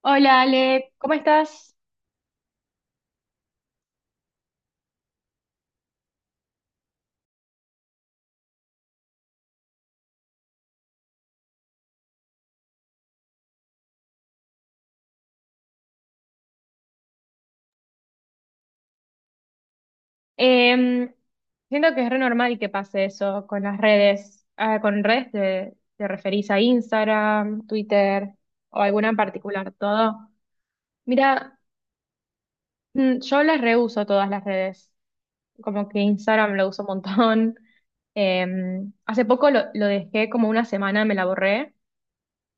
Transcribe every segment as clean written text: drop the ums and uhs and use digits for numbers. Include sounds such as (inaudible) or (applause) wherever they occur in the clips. Hola Ale, ¿cómo estás? Em, siento que es re normal que pase eso con las redes. Ah, con redes te referís a Instagram, Twitter o alguna en particular, todo. Mira, yo las reuso todas las redes. Como que Instagram lo uso un montón. (laughs) Hace poco lo dejé como una semana, me la borré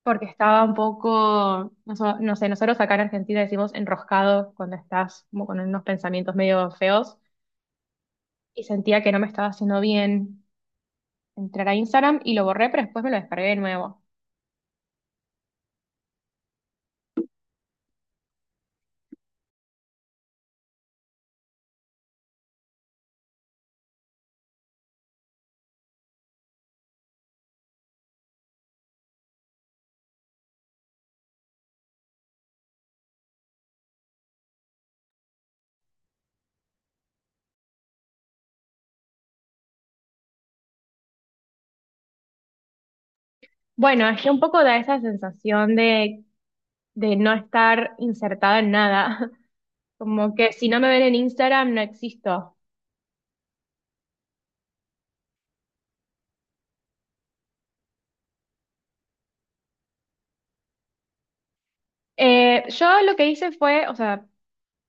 porque estaba un poco, no, no sé, nosotros acá en Argentina decimos enroscado cuando estás como con unos pensamientos medio feos. Y sentía que no me estaba haciendo bien entrar a Instagram y lo borré, pero después me lo descargué de nuevo. Bueno, es que un poco da esa sensación de no estar insertada en nada. (laughs) Como que si no me ven en Instagram no existo. Yo lo que hice fue, o sea,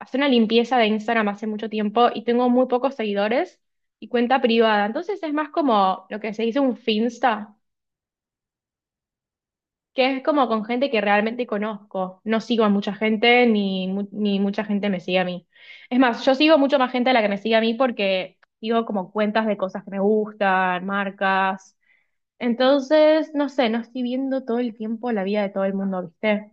hacer una limpieza de Instagram hace mucho tiempo y tengo muy pocos seguidores y cuenta privada, entonces es más como lo que se dice un Finsta, que es como con gente que realmente conozco. No sigo a mucha gente ni, ni mucha gente me sigue a mí. Es más, yo sigo mucho más gente de la que me sigue a mí porque sigo como cuentas de cosas que me gustan, marcas. Entonces, no sé, no estoy viendo todo el tiempo la vida de todo el mundo, ¿viste?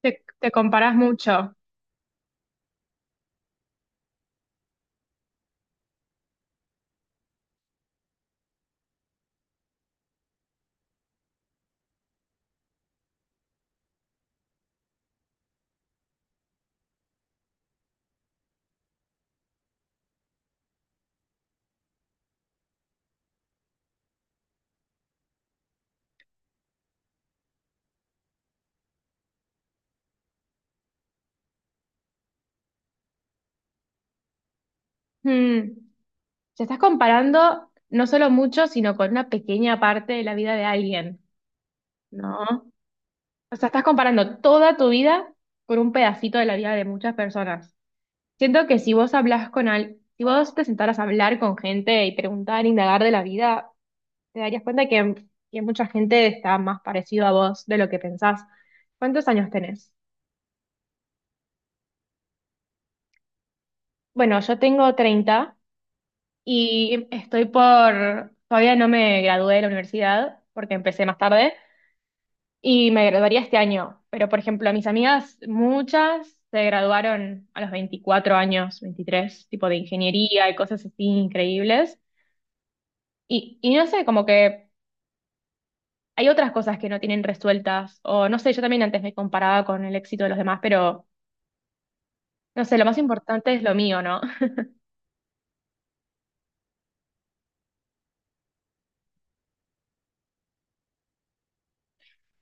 Te comparás mucho. Hmm. Te estás comparando no solo mucho, sino con una pequeña parte de la vida de alguien, ¿no? O sea, estás comparando toda tu vida con un pedacito de la vida de muchas personas. Siento que si vos hablas si vos te sentaras a hablar con gente y preguntar, indagar de la vida, te darías cuenta que mucha gente está más parecido a vos de lo que pensás. ¿Cuántos años tenés? Bueno, yo tengo 30 y estoy todavía no me gradué de la universidad porque empecé más tarde y me graduaría este año. Pero, por ejemplo, mis amigas, muchas se graduaron a los 24 años, 23, tipo de ingeniería y cosas así increíbles. Y no sé, como que hay otras cosas que no tienen resueltas, o no sé, yo también antes me comparaba con el éxito de los demás, pero no sé, lo más importante es lo mío, ¿no? (laughs)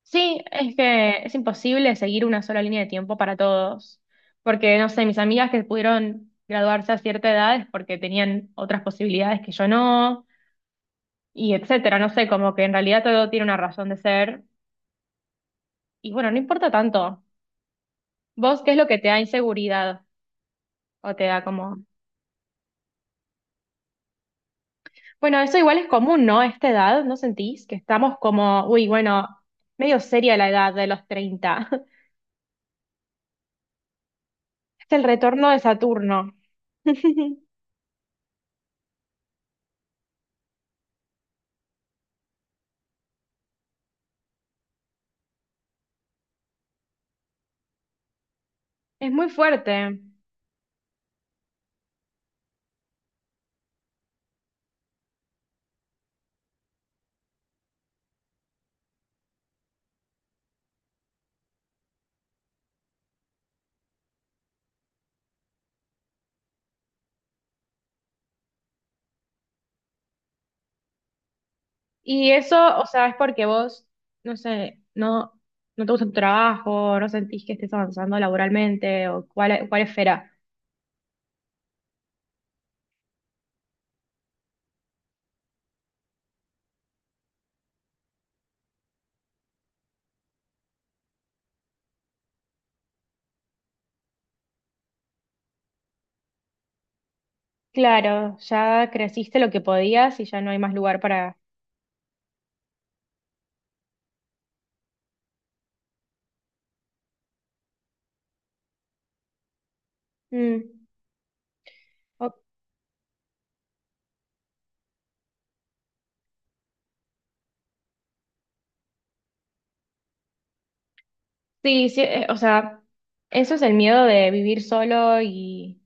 Sí, es que es imposible seguir una sola línea de tiempo para todos, porque no sé, mis amigas que pudieron graduarse a cierta edad es porque tenían otras posibilidades que yo no, y etcétera, no sé, como que en realidad todo tiene una razón de ser, y bueno, no importa tanto. ¿Vos qué es lo que te da inseguridad o te da como... Bueno, eso igual es común, ¿no? A esta edad, ¿no sentís? Que estamos como, uy, bueno, medio seria la edad de los 30. (laughs) Es el retorno de Saturno. (laughs) Es muy fuerte. Y eso, o sea, es porque vos, no sé, no te gusta tu trabajo, no sentís que estés avanzando laboralmente o cuál esfera. Claro, ya creciste lo que podías y ya no hay más lugar para... Mm. O- sí, sí, o sea, eso es el miedo de vivir solo y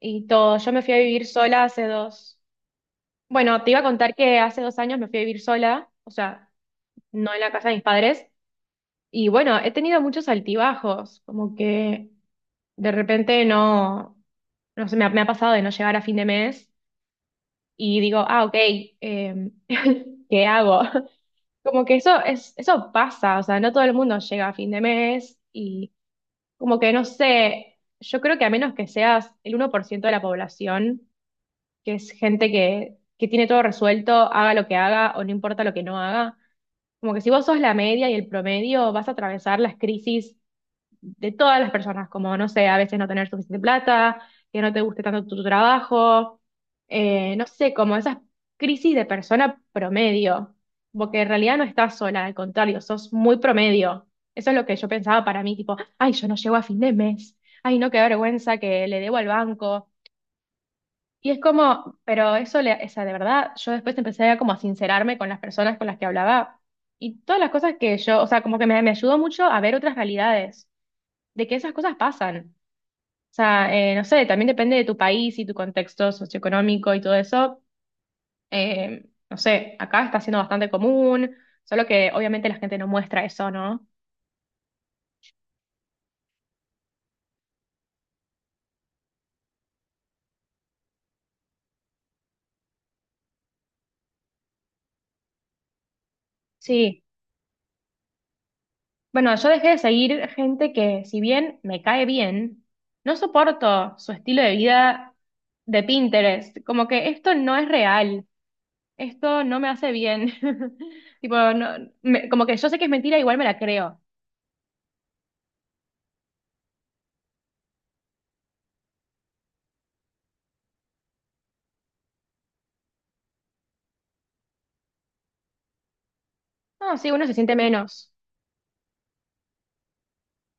y todo. Yo me fui a vivir sola hace dos. Bueno, te iba a contar que hace 2 años me fui a vivir sola, o sea, no en la casa de mis padres. Y bueno, he tenido muchos altibajos, como que de repente no sé, me ha pasado de no llegar a fin de mes y digo, ah, ok, em, (laughs) ¿qué hago? Como que eso es, eso pasa, o sea, no todo el mundo llega a fin de mes y como que no sé, yo creo que a menos que seas el 1 por ciento de la población, que es gente que tiene todo resuelto, haga lo que haga o no importa lo que no haga. Como que si vos sos la media y el promedio, vas a atravesar las crisis de todas las personas, como, no sé, a veces no tener suficiente plata, que no te guste tanto tu trabajo, no sé, como esas crisis de persona promedio, porque en realidad no estás sola, al contrario, sos muy promedio. Eso es lo que yo pensaba para mí, tipo, ay, yo no llego a fin de mes, ay, no, qué vergüenza que le debo al banco y es como, pero eso, o sea, de verdad, yo después empecé a como a sincerarme con las personas con las que hablaba y todas las cosas que yo, o sea, como que me ayudó mucho a ver otras realidades, de que esas cosas pasan. O sea, no sé, también depende de tu país y tu contexto socioeconómico y todo eso. No sé, acá está siendo bastante común, solo que obviamente la gente no muestra eso, ¿no? Sí. Bueno, yo dejé de seguir gente que, si bien me cae bien, no soporto su estilo de vida de Pinterest. Como que esto no es real, esto no me hace bien. (laughs) Tipo, no- me- como que yo sé que es mentira, igual me la creo. No, sí, uno se siente menos.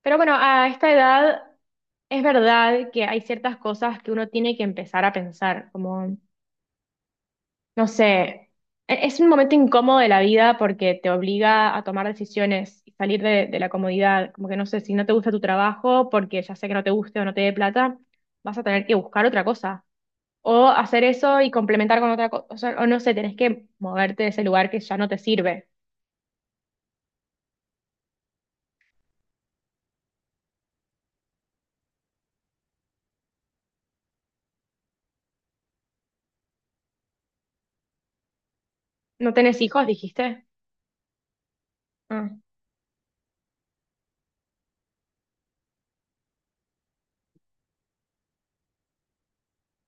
Pero bueno, a esta edad es verdad que hay ciertas cosas que uno tiene que empezar a pensar, no sé, es un momento incómodo de la vida porque te obliga a tomar decisiones y salir de la comodidad. Como que no sé, si no te gusta tu trabajo porque ya sea que no te guste o no te dé plata, vas a tener que buscar otra cosa. O hacer eso y complementar con otra cosa. O no sé, tenés que moverte de ese lugar que ya no te sirve. ¿No tenés hijos, dijiste? Ah,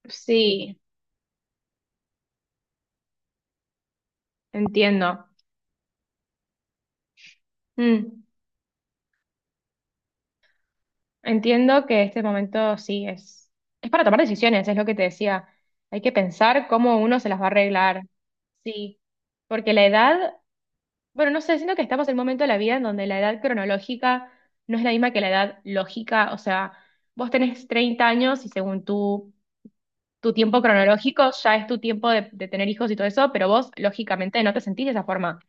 sí, entiendo. Mm. Entiendo que este momento sí es para tomar decisiones, es lo que te decía. Hay que pensar cómo uno se las va a arreglar. Sí, porque la edad, bueno, no sé, siento que estamos en un momento de la vida en donde la edad cronológica no es la misma que la edad lógica. O sea, vos tenés 30 años y según tu tiempo cronológico ya es tu tiempo de tener hijos y todo eso, pero vos lógicamente no te sentís de esa forma.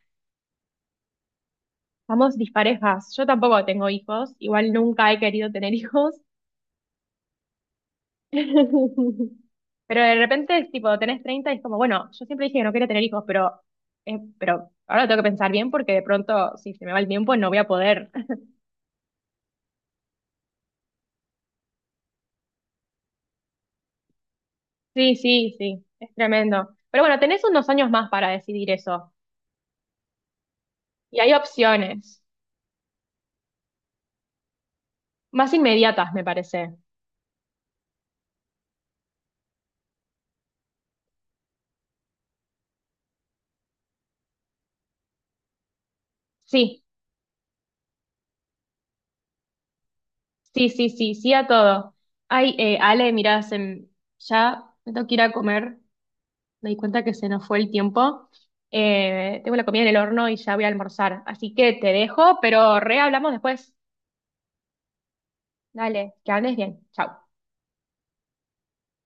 Estamos disparejas. Yo tampoco tengo hijos, igual nunca he querido tener (laughs) hijos. (laughs) Pero de repente es tipo, tenés 30 y es como, bueno, yo siempre dije que no quería tener hijos, pero ahora lo tengo que pensar bien porque de pronto, si se me va el tiempo, no voy a poder. (laughs) Sí, sí, sí, es tremendo. Pero bueno, tenés unos años más para decidir eso. Y hay opciones más inmediatas, me parece. Sí, sí, sí, sí, sí a todo. Ay, Ale, mirá, ya me tengo que ir a comer. Me di cuenta que se nos fue el tiempo. Tengo la comida en el horno y ya voy a almorzar. Así que te dejo, pero re hablamos después. Dale, que andes bien. Chau.